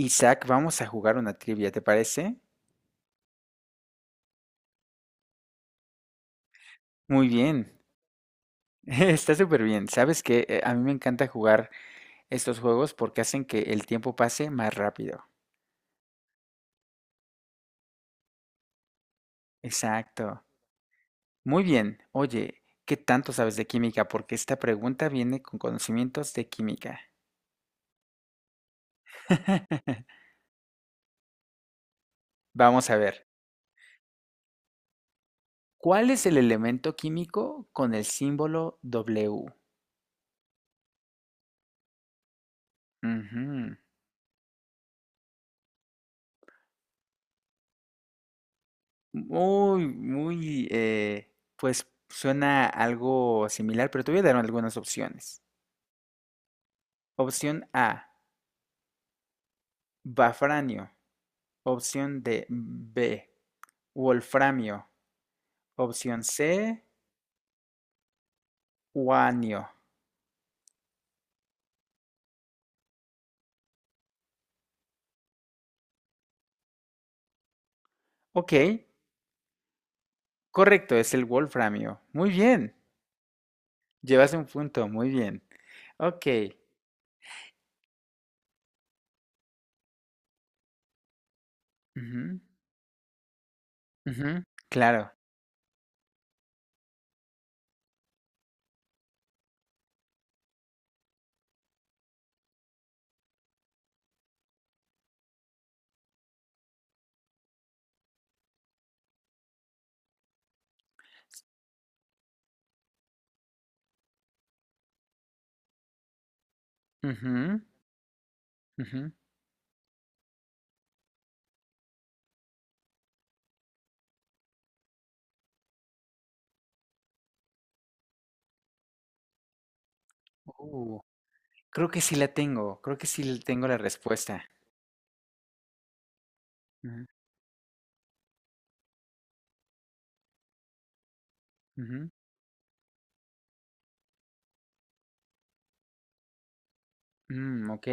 Isaac, vamos a jugar una trivia, ¿te parece? Muy bien, está súper bien. Sabes que a mí me encanta jugar estos juegos porque hacen que el tiempo pase más rápido. Exacto. Muy bien. Oye, ¿qué tanto sabes de química? Porque esta pregunta viene con conocimientos de química. Vamos a ver. ¿Cuál es el elemento químico con el símbolo W? Ujú. Pues suena algo similar, pero te voy a dar algunas opciones. Opción A, bafranio. Opción D, B, wolframio. Opción C, uranio. Ok, correcto, es el wolframio. Muy bien, llevas un punto, muy bien. Ok, ujú, ujú, claro. Ujú, ujú. Uh, creo que sí la tengo, creo que sí tengo la respuesta. Ujú, ujú. Mm, ok.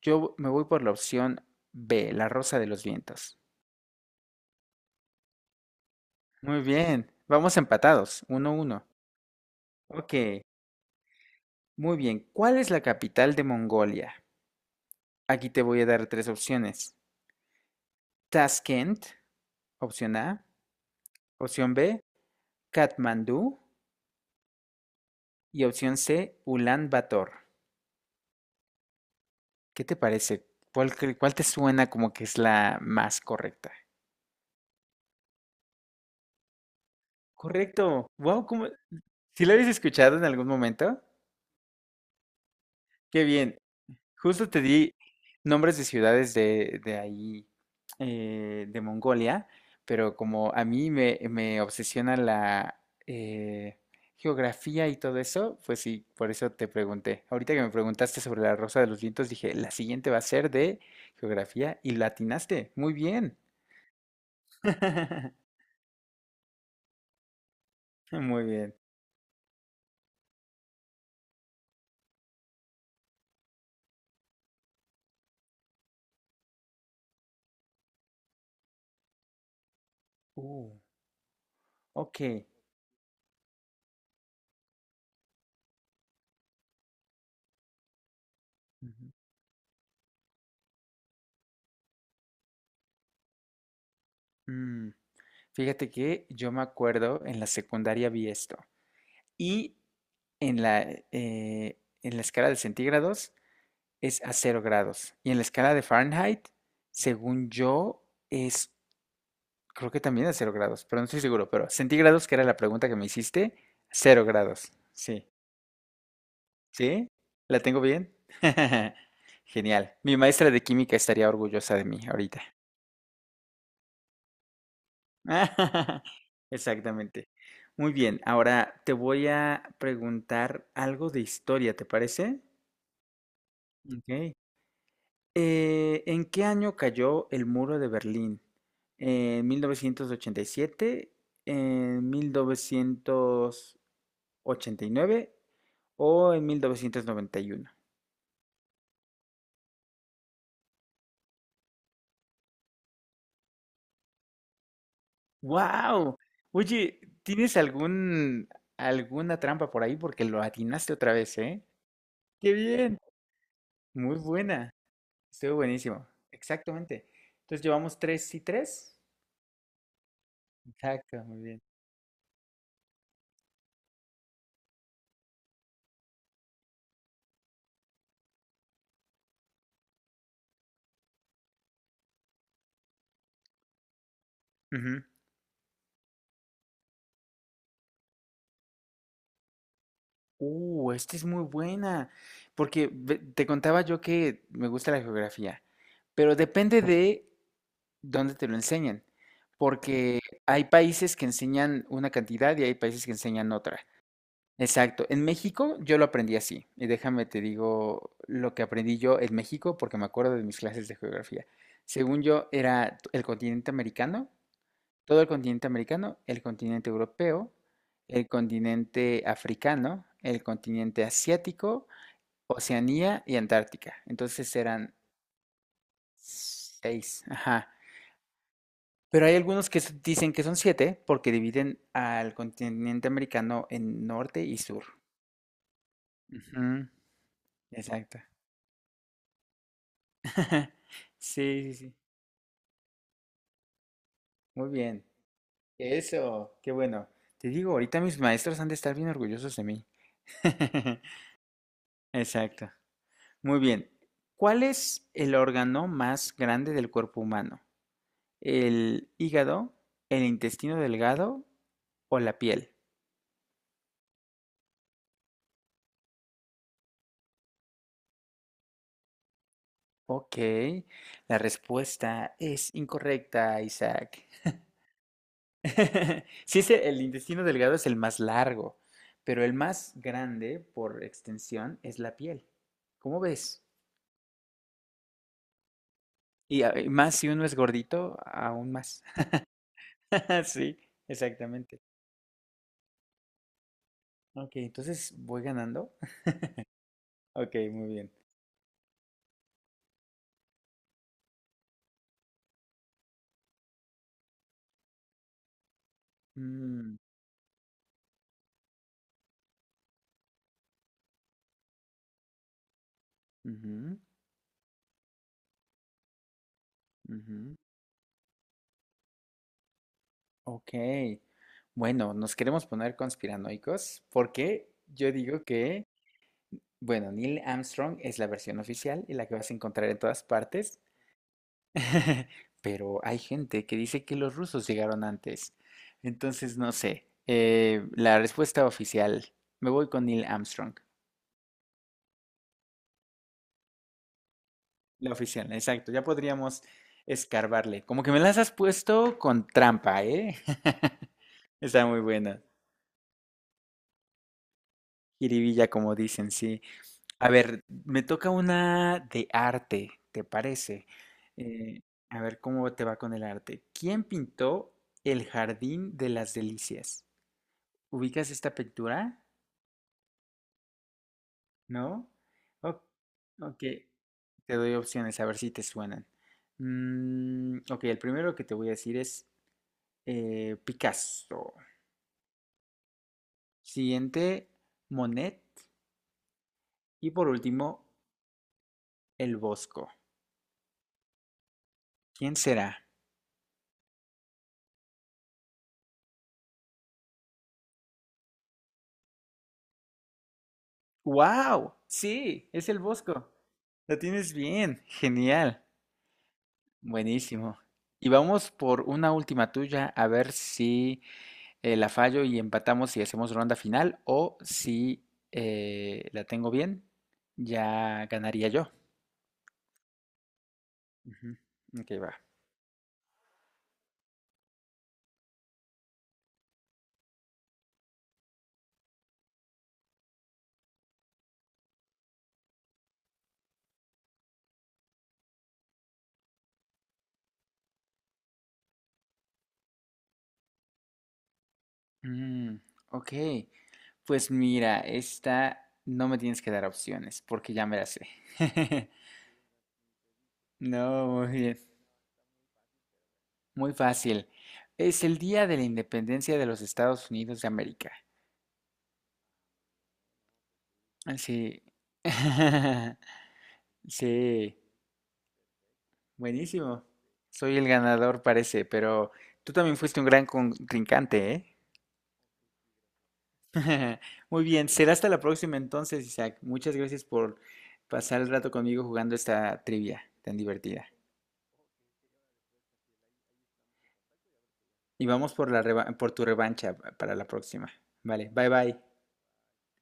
Yo me voy por la opción B, la rosa de los vientos. Muy bien. Vamos empatados, 1-1. Ok. Muy bien. ¿Cuál es la capital de Mongolia? Aquí te voy a dar tres opciones. Tashkent, opción A. Opción B, Katmandú. Y opción C, Ulan Bator. ¿Qué te parece? ¿ cuál te suena como que es la más correcta? Correcto. Wow, ¿cómo? ¿Sí la habías escuchado en algún momento? Qué bien. Justo te di nombres de ciudades de ahí, de Mongolia, pero como a mí me obsesiona la eh, geografía y todo eso, pues sí, por eso te pregunté. Ahorita que me preguntaste sobre la Rosa de los Vientos, dije, la siguiente va a ser de geografía y la atinaste. Muy bien. Muy bien. Uh, ok. Ujú. Mm, fíjate que yo me acuerdo en la secundaria vi esto. Y en eh, en la escala de centígrados es a 0 grados. Y en la escala de Fahrenheit, según yo, es, creo que también a 0 grados, pero no estoy seguro. Pero centígrados, que era la pregunta que me hiciste, 0 grados. Sí. ¿Sí? ¿La tengo bien? Genial. Mi maestra de química estaría orgullosa de mí ahorita. Exactamente. Muy bien, ahora te voy a preguntar algo de historia, ¿te parece? Ok. ¿En qué año cayó el muro de Berlín? ¿En 1987, ¿en 1989 ¿o en 1991? ¡Wow! Oye, ¿alguna trampa por ahí? Porque lo atinaste otra vez, ¿eh? ¡Qué bien! Muy buena. Estuvo buenísimo. Exactamente. Entonces llevamos 3-3. Exacto, muy bien. Ujú. Esta es muy buena, porque te contaba yo que me gusta la geografía, pero depende de dónde te lo enseñan, porque hay países que enseñan una cantidad y hay países que enseñan otra. Exacto, en México yo lo aprendí así, y déjame te digo lo que aprendí yo en México, porque me acuerdo de mis clases de geografía. Según yo, era el continente americano todo el continente americano, el continente europeo, el continente africano, el continente asiático, Oceanía y Antártica. Entonces eran 6, ajá. Pero hay algunos que dicen que son 7 porque dividen al continente americano en norte y sur. Ujú, exacto. Sí, sí, sí. Muy bien. Eso, qué bueno. Te digo, ahorita mis maestros han de estar bien orgullosos de mí. Exacto. Muy bien. ¿Cuál es el órgano más grande del cuerpo humano? ¿El hígado, el intestino delgado o la piel? Ok, la respuesta es incorrecta, Isaac. Sí, es el intestino delgado es el más largo, pero el más grande por extensión es la piel. ¿Cómo ves? Y más si uno es gordito, aún más. Sí, exactamente. Ok, entonces voy ganando. Ok, muy bien. Mm, ujú, ujú. Ok. Bueno, nos queremos poner conspiranoicos porque yo digo que, bueno, Neil Armstrong es la versión oficial y la que vas a encontrar en todas partes, pero hay gente que dice que los rusos llegaron antes. Entonces, no sé. La respuesta oficial, me voy con Neil Armstrong. La oficial, exacto. Ya podríamos escarbarle. Como que me las has puesto con trampa, ¿eh? Está muy buena. Jiribilla, como dicen, sí. A ver, me toca una de arte, ¿te parece? Eh, a ver cómo te va con el arte. ¿Quién pintó el Jardín de las Delicias? ¿Ubicas esta pintura? ¿No? O- ok, te doy opciones a ver si te suenan. Mm, ok, el primero que te voy a decir es Picasso. Siguiente, Monet. Y por último, el Bosco. ¿Quién será? ¡Wow! Sí, es el Bosco. La tienes bien. Genial. Buenísimo. Y vamos por una última tuya a ver si la fallo y empatamos y hacemos ronda final o si la tengo bien, ya ganaría yo. Ujú. Ok, va. Mm, ok. Pues mira, esta no me tienes que dar opciones porque ya me la sé. No, muy bien. Muy fácil. Es el día de la independencia de los Estados Unidos de América. Ah, sí. Sí. Buenísimo. Soy el ganador, parece, pero tú también fuiste un gran contrincante, ¿eh? Muy bien. Será hasta la próxima entonces, Isaac. Muchas gracias por pasar el rato conmigo jugando esta trivia tan divertida. Y vamos por la por tu revancha para la próxima. Vale, bye bye.